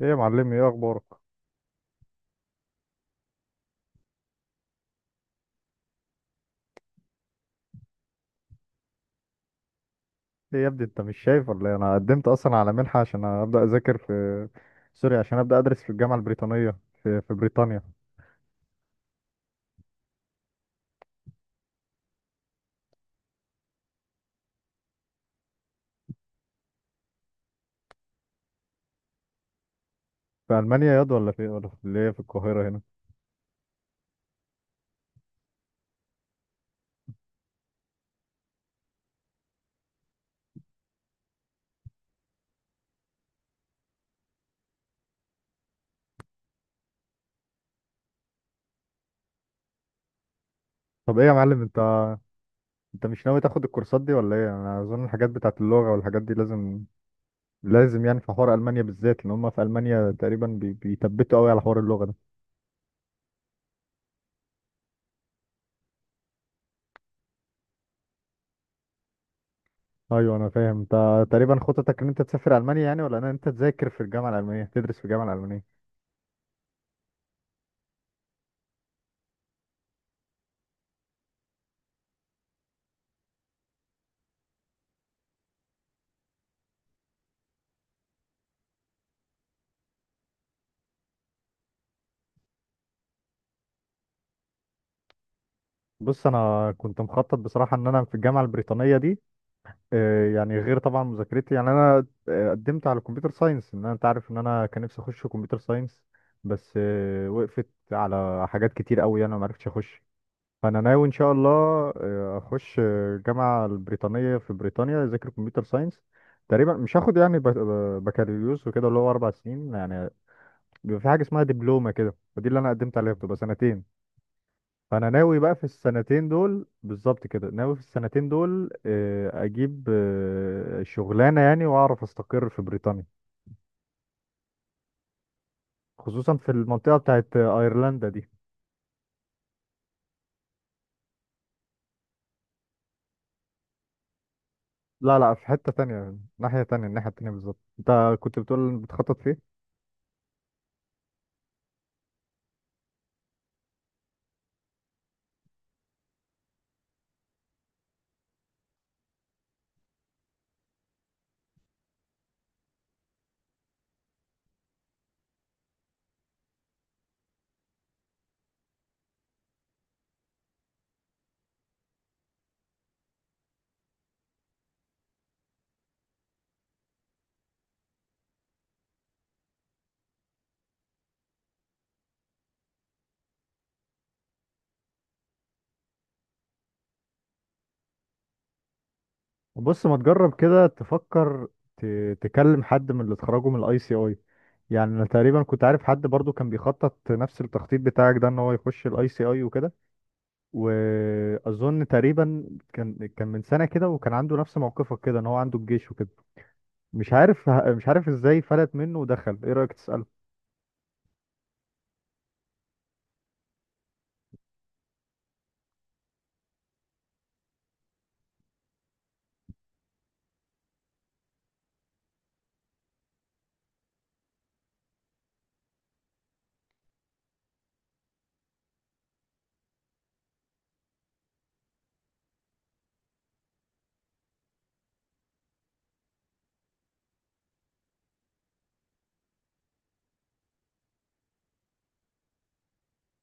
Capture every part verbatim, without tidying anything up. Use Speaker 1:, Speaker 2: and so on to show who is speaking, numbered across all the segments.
Speaker 1: ايه يا معلمي، ايه اخبارك؟ ايه يا ابني، انت مش شايف ولا ايه؟ انا قدمت اصلا على منحه عشان ابدا اذاكر في سوري عشان ابدا ادرس في الجامعه البريطانيه في في بريطانيا. في المانيا ياض، ولا في ولا في اللي هي في القاهره هنا؟ طب ايه يا معلم انت؟ انت مش ناوي تاخد الكورسات دي ولا ايه؟ انا اظن الحاجات بتاعت اللغه والحاجات دي لازم لازم يعني، في حوار المانيا بالذات، لان هم في المانيا تقريبا بي- بيثبتوا قوي على حوار اللغه ده. ايوه، انا فاهم. انت تقريبا خطتك ان انت تسافر المانيا يعني، ولا ان انت تذاكر في الجامعه الالمانيه، تدرس في الجامعه الالمانيه؟ بص، انا كنت مخطط بصراحه ان انا في الجامعه البريطانيه دي، آه، يعني غير طبعا مذاكرتي، يعني انا آه، قدمت على كمبيوتر ساينس ان انا، انت عارف ان انا كان نفسي اخش كمبيوتر ساينس. بس آه، وقفت على حاجات كتير قوي، انا ما عرفتش اخش. فانا ناوي ان شاء الله آه، اخش آه، الجامعه البريطانيه في بريطانيا، اذاكر كمبيوتر ساينس. تقريبا مش هاخد يعني بك- بكالوريوس وكده، اللي هو اربع سنين يعني، بيبقى في حاجه اسمها دبلومه كده، ودي اللي انا قدمت عليها، بتبقى سنتين. فانا ناوي بقى في السنتين دول بالظبط كده، ناوي في السنتين دول آه، اجيب آه، شغلانه يعني، واعرف استقر في بريطانيا، خصوصا في المنطقه بتاعت ايرلندا دي. لا لا، في حته تانية، ناحيه تانية، الناحيه التانية بالظبط انت كنت بتقول بتخطط فيه. بص، ما تجرب كده تفكر، ت- تكلم حد من اللي اتخرجوا من الاي سي اي. يعني انا تقريبا كنت عارف حد برضو كان بيخطط نفس التخطيط بتاعك ده، ان هو يخش الاي سي اي وكده. واظن تقريبا كان كان من سنه كده، وكان عنده نفس موقفك كده ان هو عنده الجيش وكده. مش عارف مش عارف ازاي فلت منه ودخل. ايه رايك تساله؟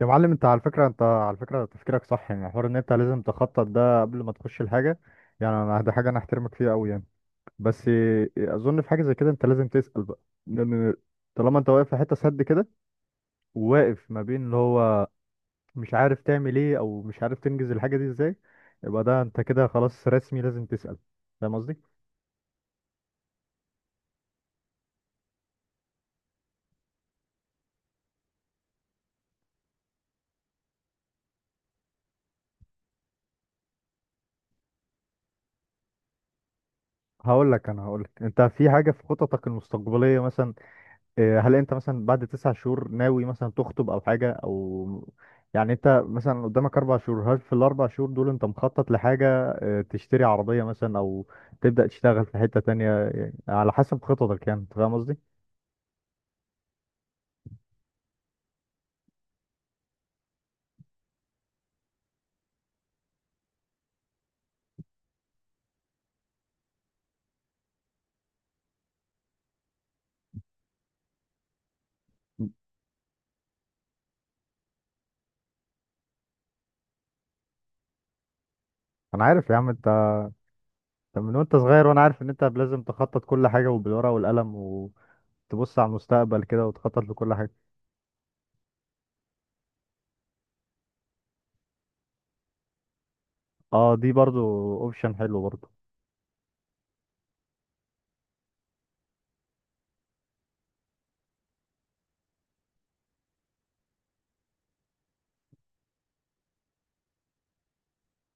Speaker 1: يا معلم، انت على فكره، انت على فكره تفكيرك صح. يعني حوار ان انت لازم تخطط ده قبل ما تخش الحاجه، يعني انا ده حاجه انا احترمك فيها قوي يعني. بس اظن في حاجه زي كده انت لازم تسال بقى. لان طالما انت واقف في حته سد كده، وواقف ما بين اللي هو مش عارف تعمل ايه، او مش عارف تنجز الحاجه دي ازاي، يبقى ده انت كده خلاص رسمي لازم تسال. فاهم قصدي؟ هقول لك، انا هقول لك انت في حاجه في خططك المستقبليه مثلا، آه، هل انت مثلا بعد تسع شهور ناوي مثلا تخطب او حاجه، او يعني انت مثلا قدامك اربع شهور؟ هل في الاربع شهور دول انت مخطط لحاجه؟ آه، تشتري عربيه مثلا، او تبدا تشتغل في حته تانية، يعني على حسب خططك يعني، انت فاهم قصدي؟ انا عارف يا عم انت، أنت من وانت صغير وانا عارف ان انت لازم تخطط كل حاجه وبالورقه والقلم، وتبص على المستقبل كده وتخطط لكل حاجه. اه، دي برضو اوبشن حلو برضو.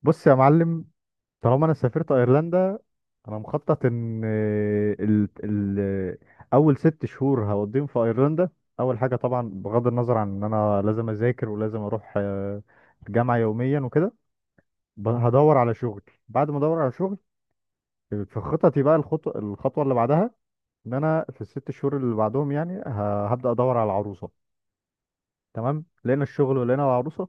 Speaker 1: بص يا معلم، طالما انا سافرت ايرلندا، انا مخطط ان ال... ال... اول ست شهور هقضيهم في ايرلندا. اول حاجه طبعا، بغض النظر عن ان انا لازم اذاكر ولازم اروح آه، الجامعه يوميا وكده، ب- هدور على شغل. بعد ما ادور على شغل، في خططي بقى الخطوه الخطوه اللي بعدها، ان انا في الست شهور اللي بعدهم يعني ه- هبدا ادور على عروسه. تمام، لقينا الشغل ولقينا عروسه،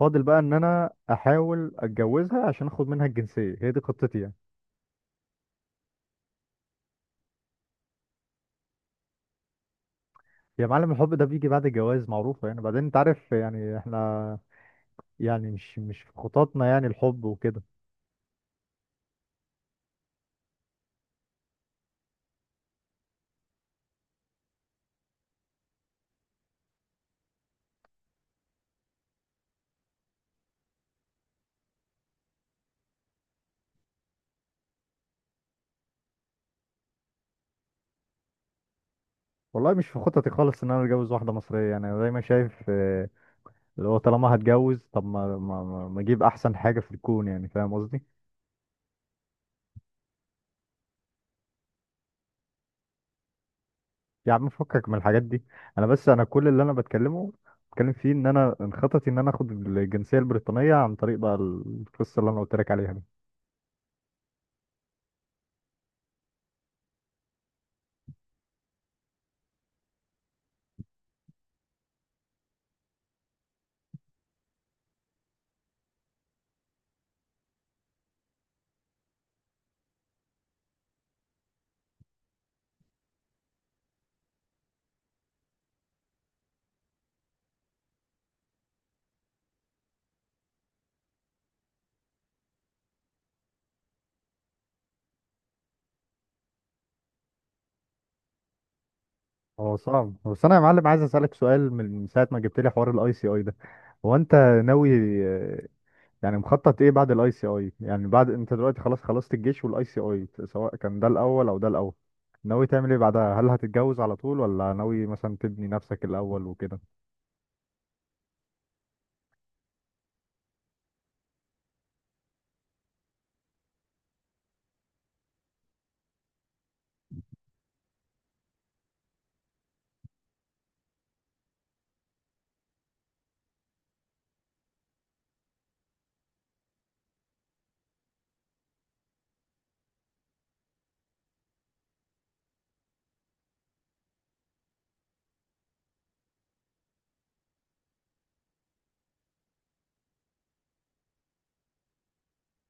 Speaker 1: فاضل بقى ان انا احاول اتجوزها عشان اخد منها الجنسيه. هي دي خطتي يعني. يا معلم، الحب ده بيجي بعد الجواز معروفة يعني. بعدين انت عارف يعني احنا، يعني مش، مش في خططنا يعني الحب وكده. والله مش في خططي خالص ان انا اتجوز واحدة مصرية، يعني انا دايما شايف اه، اللي هو طالما هتجوز، طب ما ما ما ما اجيب احسن حاجة في الكون يعني، فاهم قصدي؟ يا عم، فكك من الحاجات دي. انا بس، انا كل اللي انا بتكلمه بتكلم فيه، ان انا، ان خططي ان انا اخد الجنسية البريطانية عن طريق بقى القصة اللي انا قلت لك عليها دي. هو صعب، بس انا يا معلم عايز اسالك سؤال. من ساعه ما جبت لي حوار الاي سي اي ده، هو انت ناوي آه، يعني مخطط ايه بعد الاي سي اي؟ يعني بعد انت دلوقتي خلاص خلصت الجيش والاي سي اي، سواء كان ده الاول او ده الاول، ناوي تعمل ايه بعدها؟ هل هتتجوز على طول، ولا ناوي مثلا تبني نفسك الاول وكده؟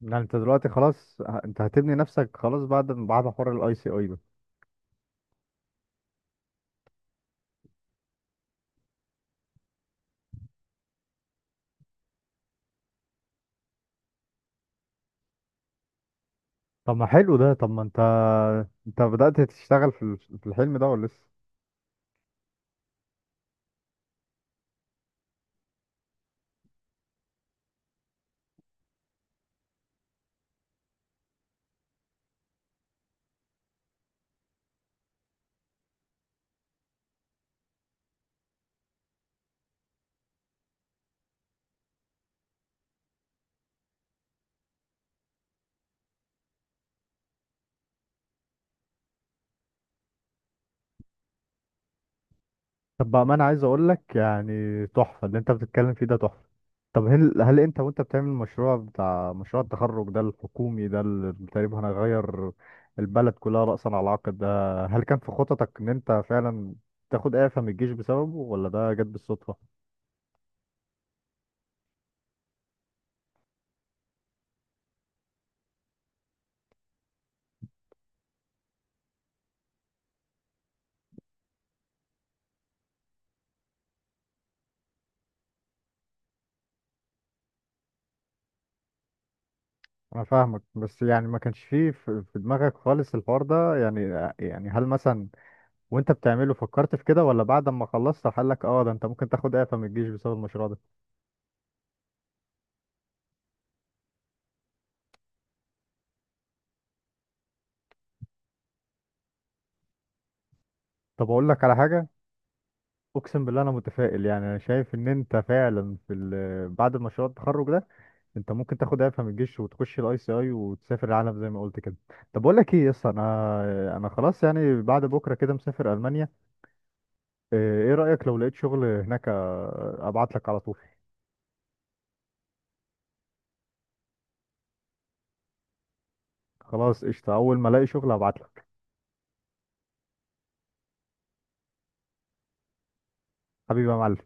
Speaker 1: يعني انت دلوقتي خلاص، ه- انت هتبني نفسك خلاص بعد بعد حوار الاي سي اي ده؟ طب ما حلو ده. طب ما انت، انت بدأت تشتغل في ال- في الحلم ده ولا لسه؟ طب بقى، ما انا عايز اقول لك يعني تحفه اللي انت بتتكلم فيه ده، تحفه. طب هل، هل انت وانت بتعمل المشروع بتاع مشروع التخرج ده الحكومي ده اللي تقريبا هنغير البلد كلها رأسا على عقب ده، هل كان في خططك ان انت فعلا تاخد اعفاء من الجيش بسببه، ولا ده جت بالصدفه؟ انا فاهمك، بس يعني ما كانش فيه في في دماغك خالص الحوار ده يعني، يعني هل مثلا وانت بتعمله فكرت في كده، ولا بعد ما خلصت قال لك اه ده انت ممكن تاخد اعفاء من الجيش بسبب المشروع ده؟ طب اقول لك على حاجه، اقسم بالله انا متفائل. يعني انا شايف ان انت فعلا في ال- بعد مشروع التخرج ده انت ممكن تاخد اعفاء من الجيش وتخش الاي سي اي وتسافر العالم زي ما قلت كده. طب بقول لك ايه يا اسطى، انا انا خلاص يعني بعد بكره كده مسافر المانيا. ايه؟ إيه رايك لو لقيت شغل هناك آه، ابعت لك على طول؟ خلاص قشطه، اول ما الاقي شغل ابعت لك. حبيبي يا معلم.